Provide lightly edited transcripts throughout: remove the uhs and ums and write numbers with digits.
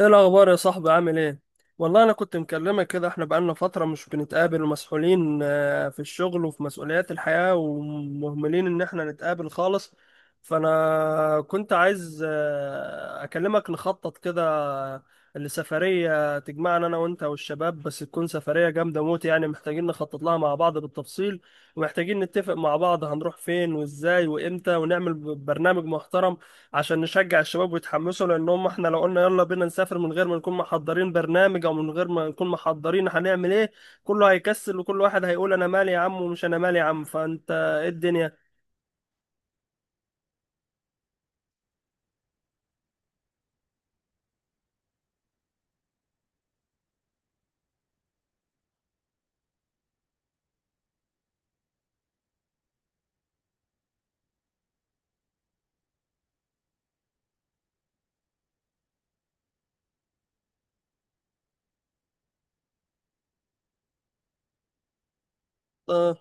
ايه الاخبار يا صاحبي؟ عامل ايه؟ والله انا كنت مكلمك كده، احنا بقالنا فتره مش بنتقابل ومسحولين في الشغل وفي مسؤوليات الحياه، ومهملين ان احنا نتقابل خالص. فانا كنت عايز اكلمك نخطط كده لسفريه تجمعنا انا وانت والشباب، بس تكون سفريه جامده موت. يعني محتاجين نخطط لها مع بعض بالتفصيل، ومحتاجين نتفق مع بعض هنروح فين وازاي وامتى، ونعمل برنامج محترم عشان نشجع الشباب ويتحمسوا. لان هم احنا لو قلنا يلا بينا نسافر من غير ما نكون محضرين برنامج، او من غير ما نكون محضرين هنعمل ايه، كله هيكسل وكل واحد هيقول انا مالي يا عم ومش انا مالي يا عم. فانت ايه الدنيا؟ اه،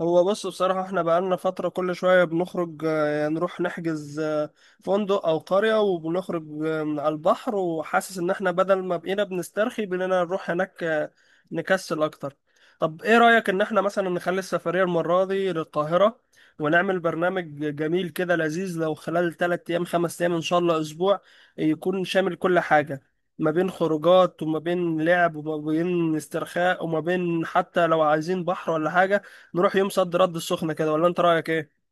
هو بص، بصراحة احنا بقالنا فترة كل شوية بنخرج، يعني نروح نحجز فندق أو قرية، وبنخرج من على البحر، وحاسس إن احنا بدل ما بقينا بنسترخي بقينا نروح هناك نكسل أكتر. طب ايه رأيك إن احنا مثلا نخلي السفرية المرة دي للقاهرة، ونعمل برنامج جميل كده لذيذ، لو خلال تلات أيام، خمس أيام، إن شاء الله أسبوع، يكون شامل كل حاجة، ما بين خروجات وما بين لعب وما بين استرخاء، وما بين حتى لو عايزين بحر ولا حاجة نروح يوم صد رد السخنة كده. ولا انت رأيك ايه؟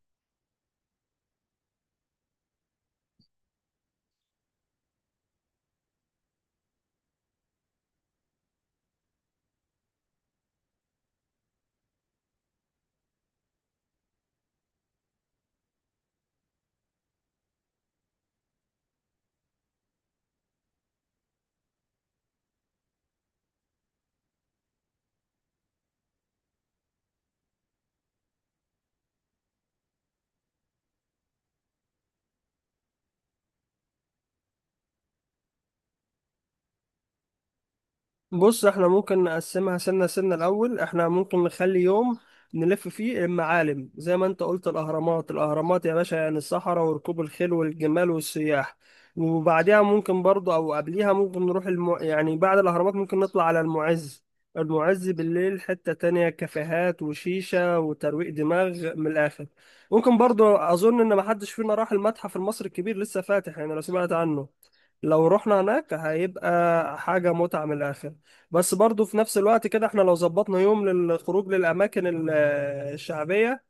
بص، احنا ممكن نقسمها سنة سنة. الأول احنا ممكن نخلي يوم نلف فيه المعالم زي ما انت قلت، الأهرامات. الأهرامات يا باشا يعني الصحراء وركوب الخيل والجمال والسياح. وبعديها ممكن برضه، أو قبليها، ممكن نروح يعني بعد الأهرامات ممكن نطلع على المعز. المعز بالليل حتة تانية، كافيهات وشيشة وترويق دماغ من الآخر. ممكن برضه، أظن إن محدش فينا راح المتحف المصري الكبير، لسه فاتح، يعني لو سمعت عنه، لو رحنا هناك هيبقى حاجة متعة من الآخر. بس برضو في نفس الوقت كده، احنا لو ظبطنا يوم للخروج للأماكن الشعبية،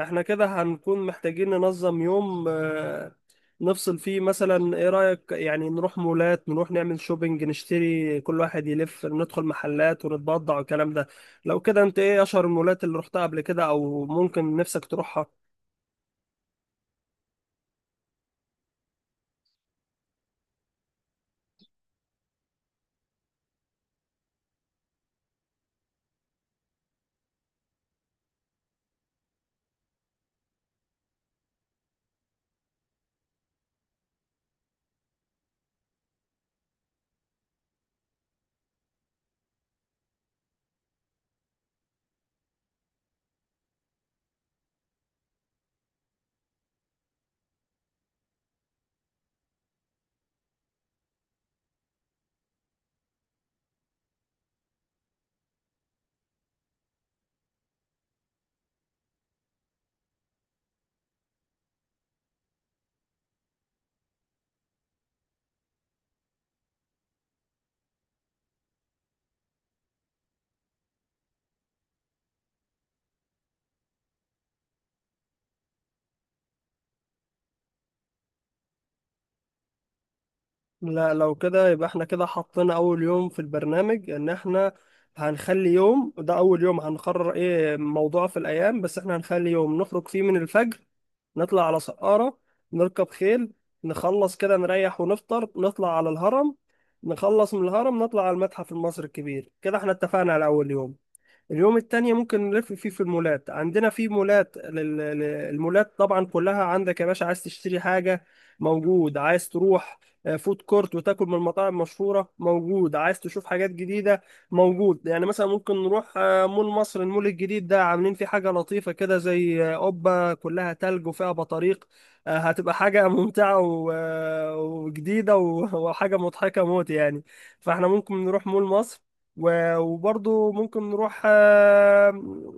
احنا كده هنكون محتاجين ننظم يوم نفصل فيه. مثلا ايه رأيك يعني نروح مولات، نروح نعمل شوبينج، نشتري، كل واحد يلف، ندخل محلات ونتبضع والكلام ده. لو كده، انت ايه اشهر المولات اللي رحتها قبل كده، او ممكن نفسك تروحها؟ لا، لو كده يبقى احنا كده حطينا اول يوم في البرنامج ان احنا هنخلي يوم، ده اول يوم، هنقرر ايه موضوع في الايام. بس احنا هنخلي يوم نخرج فيه من الفجر، نطلع على سقارة، نركب خيل، نخلص كده نريح ونفطر، نطلع على الهرم، نخلص من الهرم نطلع على المتحف المصري الكبير. كده احنا اتفقنا على اول يوم. اليوم التاني ممكن نلف فيه في المولات. عندنا في مولات، المولات طبعا كلها عندك يا باشا. عايز تشتري حاجة، موجود. عايز تروح فود كورت وتاكل من المطاعم المشهورة، موجود. عايز تشوف حاجات جديدة، موجود. يعني مثلا ممكن نروح مول مصر. المول الجديد ده عاملين فيه حاجة لطيفة كده، زي قبة كلها تلج وفيها بطاريق. هتبقى حاجة ممتعة وجديدة وحاجة مضحكة موت يعني. فاحنا ممكن نروح مول مصر، وبرضو ممكن نروح آه،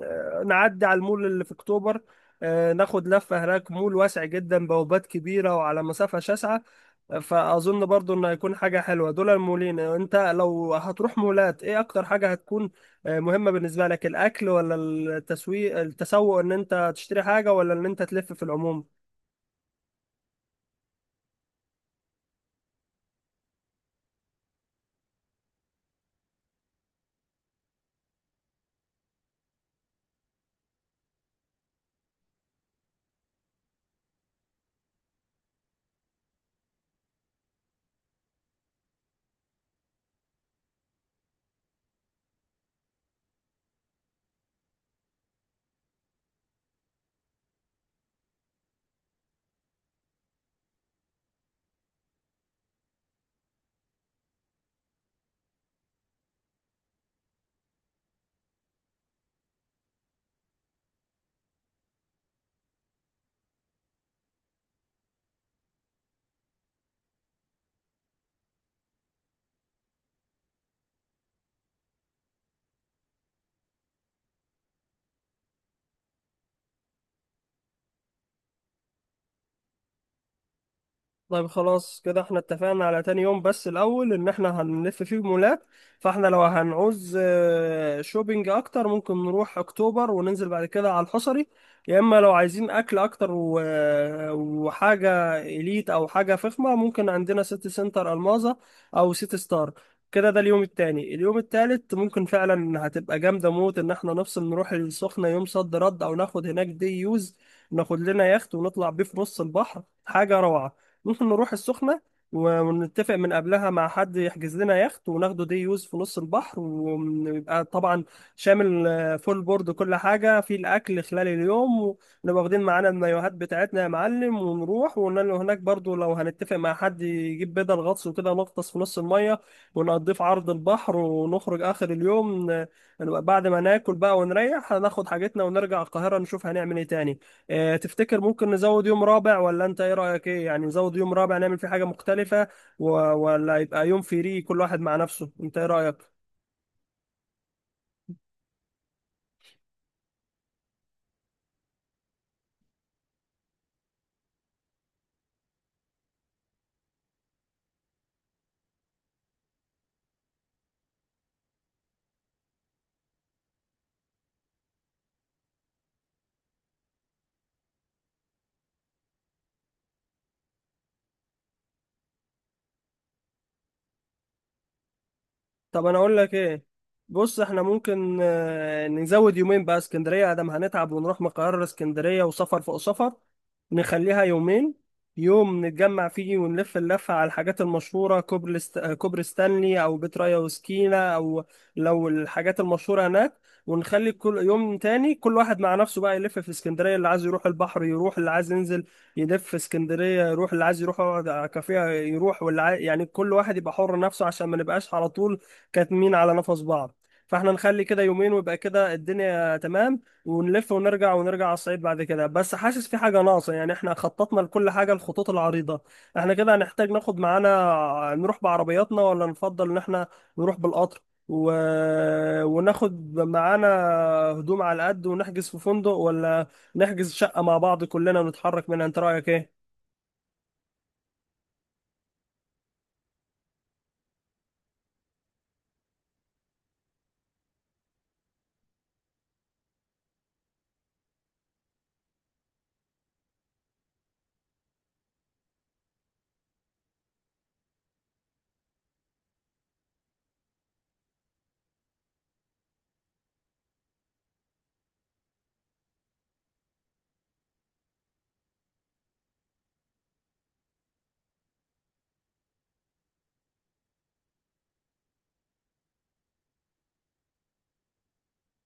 آه، نعدي على المول اللي في اكتوبر. ناخد لفة هناك، مول واسع جدا، بوابات كبيرة وعلى مسافة شاسعة. فأظن برضو إنه هيكون حاجة حلوة دول المولين. أنت لو هتروح مولات، إيه أكتر حاجة هتكون مهمة بالنسبة لك؟ الأكل، ولا التسويق، التسوق، إن أنت تشتري حاجة، ولا إن أنت تلف في العموم؟ طيب، خلاص كده احنا اتفقنا على تاني يوم، بس الأول إن احنا هنلف فيه مولات. فاحنا لو هنعوز شوبينج أكتر، ممكن نروح أكتوبر وننزل بعد كده على الحصري. يا إما لو عايزين أكل أكتر وحاجة إليت أو حاجة فخمة، ممكن عندنا سيتي سنتر ألماظة، أو سيتي ستار. كده ده اليوم التاني. اليوم التالت ممكن فعلا هتبقى جامدة موت، إن احنا نفصل نروح السخنة يوم صد رد، أو ناخد هناك دي يوز، ناخد لنا يخت ونطلع بيه في نص البحر، حاجة روعة. ممكن نروح السخنة، ونتفق من قبلها مع حد يحجز لنا يخت وناخده دي يوز في نص البحر، ويبقى طبعا شامل فول بورد، كل حاجة في الأكل خلال اليوم. ونبقى واخدين معانا المايوهات بتاعتنا يا معلم، ونروح وننزل هناك، برضو لو هنتفق مع حد يجيب بدل غطس وكده، نغطس في نص المية، ونقضيه في عرض البحر، ونخرج آخر اليوم. نبقى بعد ما ناكل بقى ونريح، هناخد حاجتنا ونرجع القاهرة نشوف هنعمل ايه تاني. تفتكر ممكن نزود يوم رابع، ولا انت ايه رأيك؟ ايه يعني، نزود يوم رابع نعمل فيه حاجة مختلفة، ولا يبقى يوم فري كل واحد مع نفسه؟ انت ايه رأيك؟ طب انا اقول لك ايه. بص، احنا ممكن نزود يومين بقى اسكندرية. ادم هنتعب، ونروح من القاهرة لاسكندرية، وسفر فوق سفر. نخليها يومين، يوم نتجمع فيه ونلف اللفة على الحاجات المشهورة، كوبري ستانلي، أو بيت ريا وسكينة، أو لو الحاجات المشهورة هناك. ونخلي كل يوم تاني كل واحد مع نفسه بقى، يلف في اسكندرية، اللي عايز يروح البحر يروح، اللي عايز ينزل يلف في اسكندرية يروح، اللي عايز يروح يقعد على كافيه يروح، يعني كل واحد يبقى حر نفسه، عشان ما نبقاش على طول كاتمين على نفس بعض. فاحنا نخلي كده يومين، ويبقى كده الدنيا تمام. ونلف ونرجع، ونرجع على الصعيد بعد كده. بس حاسس في حاجة ناقصة. يعني احنا خططنا لكل حاجة الخطوط العريضة، احنا كده هنحتاج ناخد معانا، نروح بعربياتنا، ولا نفضل ان احنا نروح بالقطر، و... وناخد معانا هدوم على قد، ونحجز في فندق، ولا نحجز شقة مع بعض كلنا ونتحرك منها؟ انت رأيك ايه؟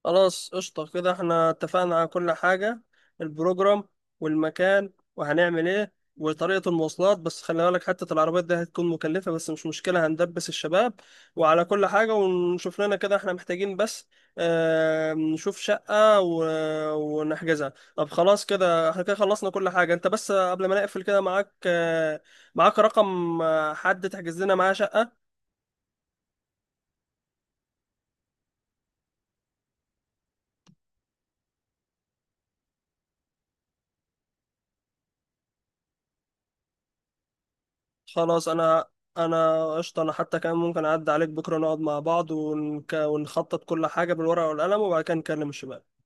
خلاص، قشطة كده احنا اتفقنا على كل حاجة، البروجرام والمكان وهنعمل ايه وطريقة المواصلات. بس خلي بالك حتة العربيات دي هتكون مكلفة، بس مش مشكلة، هندبس الشباب وعلى كل حاجة. ونشوف لنا، كده احنا محتاجين بس، اه، نشوف شقة ونحجزها. طب خلاص كده احنا كده خلصنا كل حاجة. انت بس قبل ما نقفل كده، معاك رقم حد تحجز لنا معاه شقة؟ خلاص، انا قشطه. انا حتى كمان ممكن اعدي عليك بكره نقعد مع بعض، ونخطط كل حاجه بالورقه والقلم، وبعد كده نكلم الشباب.